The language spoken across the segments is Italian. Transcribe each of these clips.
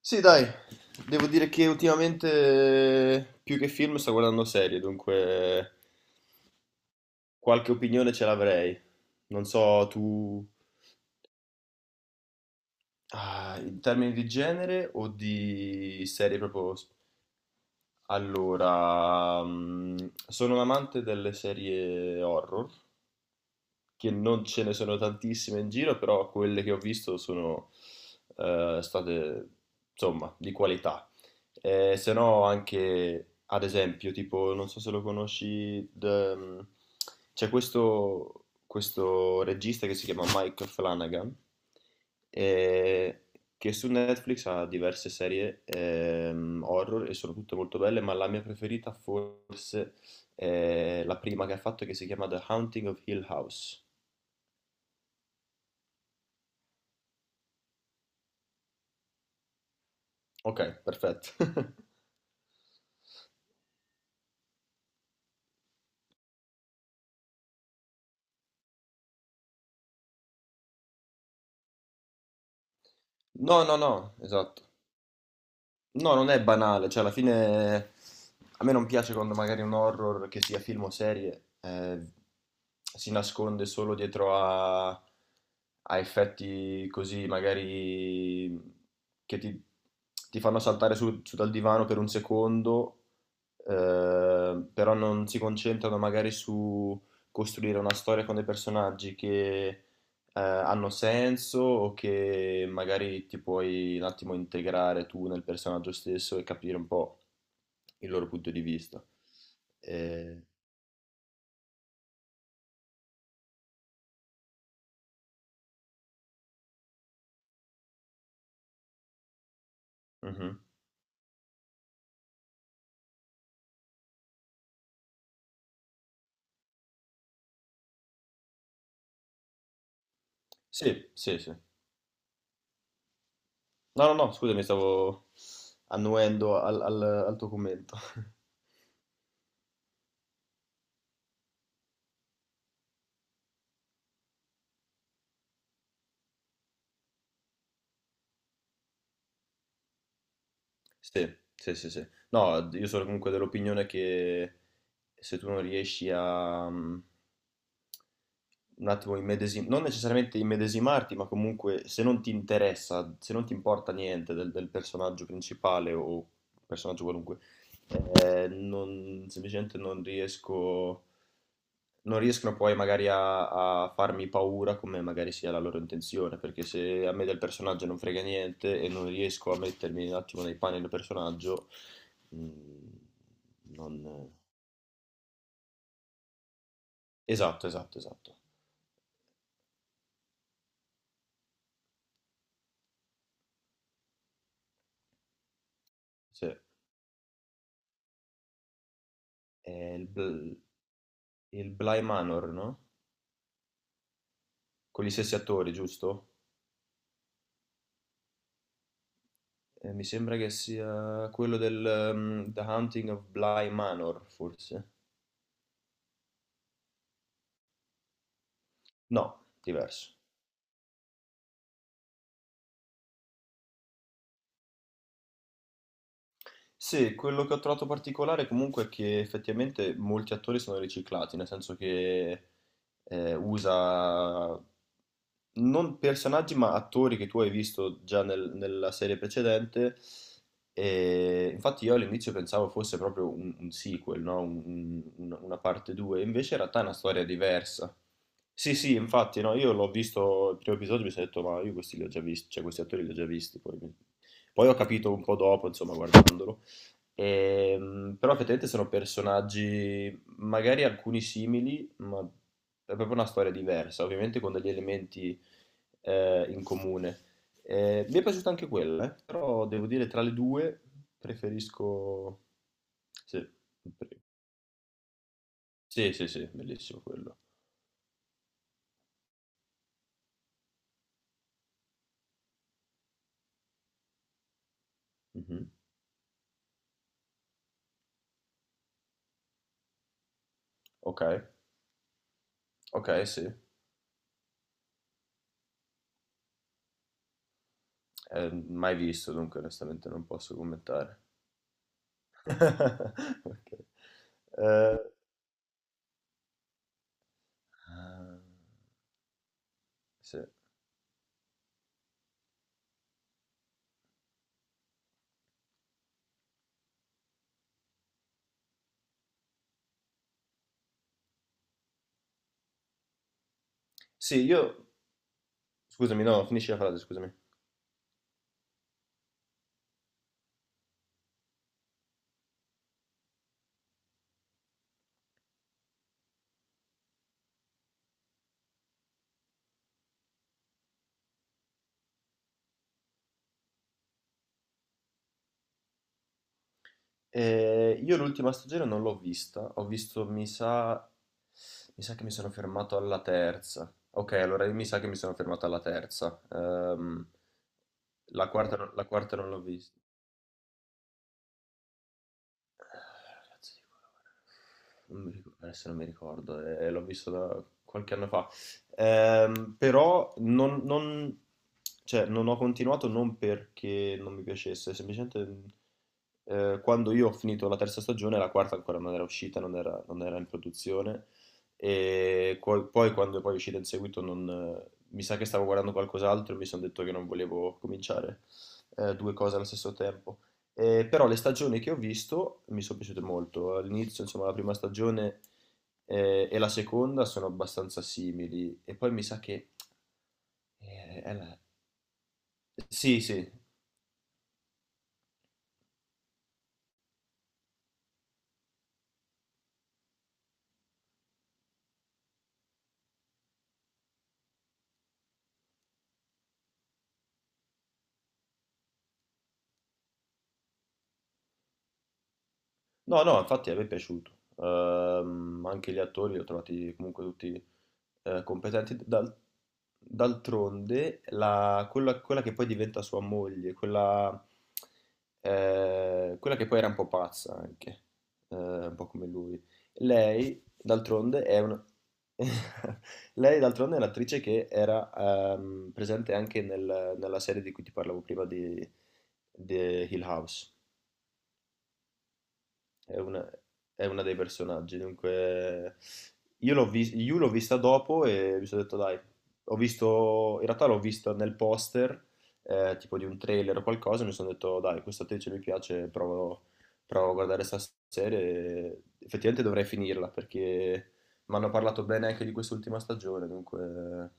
Sì, dai, devo dire che ultimamente più che film sto guardando serie, dunque qualche opinione ce l'avrei. Non so, tu ah, in termini di genere o di serie proprio. Allora, sono un amante delle serie horror, che non ce ne sono tantissime in giro, però quelle che ho visto sono state, insomma, di qualità. Se no anche, ad esempio, tipo, non so se lo conosci, c'è questo regista che si chiama Mike Flanagan, eh, che su Netflix ha diverse serie horror e sono tutte molto belle, ma la mia preferita forse è la prima che ha fatto che si chiama The Haunting of Hill House. Ok, perfetto. No, no, no, esatto. No, non è banale, cioè alla fine a me non piace quando magari un horror, che sia film o serie, si nasconde solo dietro a effetti così, magari che ti fanno saltare su dal divano per un secondo, però non si concentrano magari su costruire una storia con dei personaggi che hanno senso o che magari ti puoi un attimo integrare tu nel personaggio stesso e capire un po' il loro punto di vista. Eh, mhm. Sì, sì, sì. No, no, no, scusami, stavo annuendo al tuo commento. Sì, sì, sì, sì. No, io sono comunque dell'opinione che se tu non riesci a, un attimo non necessariamente immedesimarti, ma comunque se non ti interessa, se non ti importa niente del personaggio principale o personaggio qualunque, semplicemente non riesco, non riescono poi magari a farmi paura come magari sia la loro intenzione, perché se a me del personaggio non frega niente e non riesco a mettermi un attimo nei panni del personaggio, mm, non. Esatto, esatto, esatto. Sì. È il Bly Manor, no? Con gli stessi attori, giusto? Mi sembra che sia quello del The Haunting of Bly Manor, forse. No, diverso. Sì, quello che ho trovato particolare comunque è che effettivamente molti attori sono riciclati, nel senso che usa non personaggi ma attori che tu hai visto già nella serie precedente. E infatti io all'inizio pensavo fosse proprio un sequel, no? Una parte 2, invece in realtà è una storia diversa. Sì, sì, infatti, no, io l'ho visto il primo episodio e mi sono detto, ma io questi li ho già visti, cioè questi attori li ho già visti, poi, poi ho capito un po' dopo, insomma, guardandolo. Però effettivamente sono personaggi, magari alcuni simili, ma è proprio una storia diversa, ovviamente con degli elementi in comune. Mi è piaciuta anche quella. Però devo dire tra le due preferisco. Sì, pre- sì, sì, sì, bellissimo quello. Mhm. Ok, ok, sì. Mai visto, dunque onestamente non posso commentare. Ok. Eh, ah, sì. Sì, io. Scusami, no, finisci la frase, scusami. Io l'ultima stagione non l'ho vista, ho visto, mi sa. Mi sa che mi sono fermato alla terza. Ok, allora mi sa che mi sono fermato alla terza. La quarta, la quarta non l'ho vista. Cazzo di colore? Non mi ricordo, adesso non mi ricordo, l'ho visto da qualche anno fa. Però cioè, non ho continuato non perché non mi piacesse, semplicemente quando io ho finito la terza stagione, la quarta ancora non era uscita, non era in produzione. E poi, quando poi è uscita in seguito, non, mi sa che stavo guardando qualcos'altro e mi sono detto che non volevo cominciare due cose allo stesso tempo. Però le stagioni che ho visto mi sono piaciute molto. All'inizio, insomma, la prima stagione e la seconda sono abbastanza simili. E poi mi sa che. eh, è la- Sì, sì, no, no, infatti a me è piaciuto. Anche gli attori li ho trovati comunque tutti competenti. D'altronde, quella che poi diventa sua moglie, quella che poi era un po' pazza anche, un po' come lui. Lei, d'altronde, è una. Lei, d'altronde, è un'attrice che era presente anche nella serie di cui ti parlavo prima di Hill House. È una, è una dei personaggi, dunque io Yu l'ho vista dopo e mi sono detto dai, ho visto, in realtà l'ho vista nel poster, tipo di un trailer o qualcosa, e mi sono detto dai, questa attrice mi piace, provo a guardare questa serie e effettivamente dovrei finirla perché mi hanno parlato bene anche di quest'ultima stagione, dunque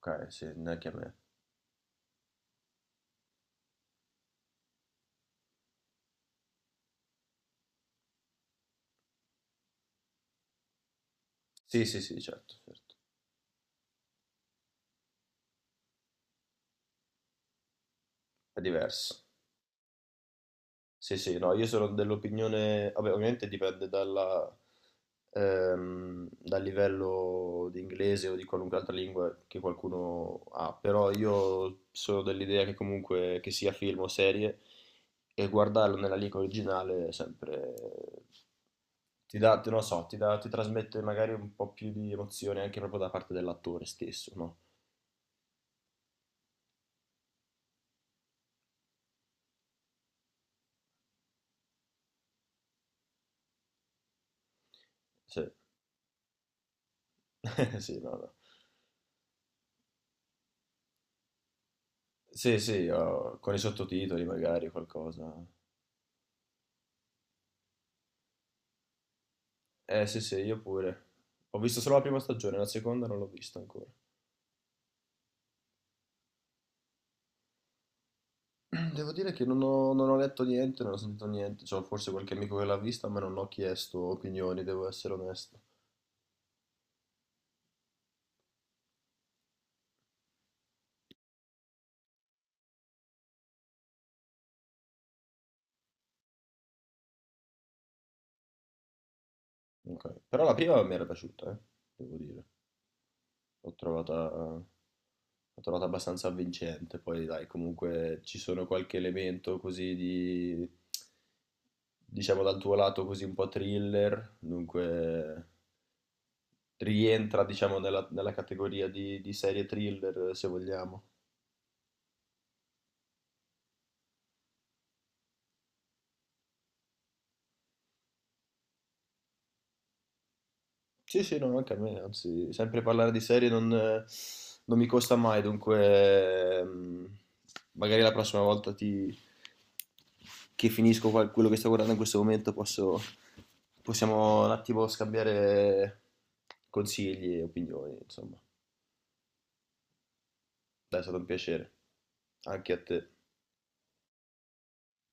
ok, sì, non è che a me. Sì, sì, sì, certo, certo, è diverso. Sì, sì, no, io sono dell'opinione, vabbè, ovviamente dipende dal livello di inglese o di qualunque altra lingua che qualcuno ha, però io sono dell'idea che comunque che sia film o serie e guardarlo nella lingua originale è sempre ti dà, non lo so, ti trasmette magari un po' più di emozione anche proprio da parte dell'attore stesso, no? Sì, sì, no, no. Sì, sì, oh, con i sottotitoli magari o qualcosa. Eh sì, sì, io pure. Ho visto solo la prima stagione, la seconda non l'ho vista ancora. Devo dire che non ho letto niente, non ho sentito niente. C'ho forse qualche amico che l'ha vista, ma non ho chiesto opinioni, devo essere onesto. Ok. Però la prima mi era piaciuta, devo dire. L'ho trovata abbastanza avvincente. Poi, dai, comunque ci sono qualche elemento così diciamo, dal tuo lato così un po' thriller. Dunque. Rientra, diciamo, nella categoria di serie thriller, se vogliamo. Sì, sì, no, anche a me, anzi, sempre parlare di serie non mi costa mai, dunque magari la prossima volta che finisco quello che sto guardando in questo momento possiamo un attimo scambiare consigli e opinioni, insomma. Dai, è stato un piacere, anche a te.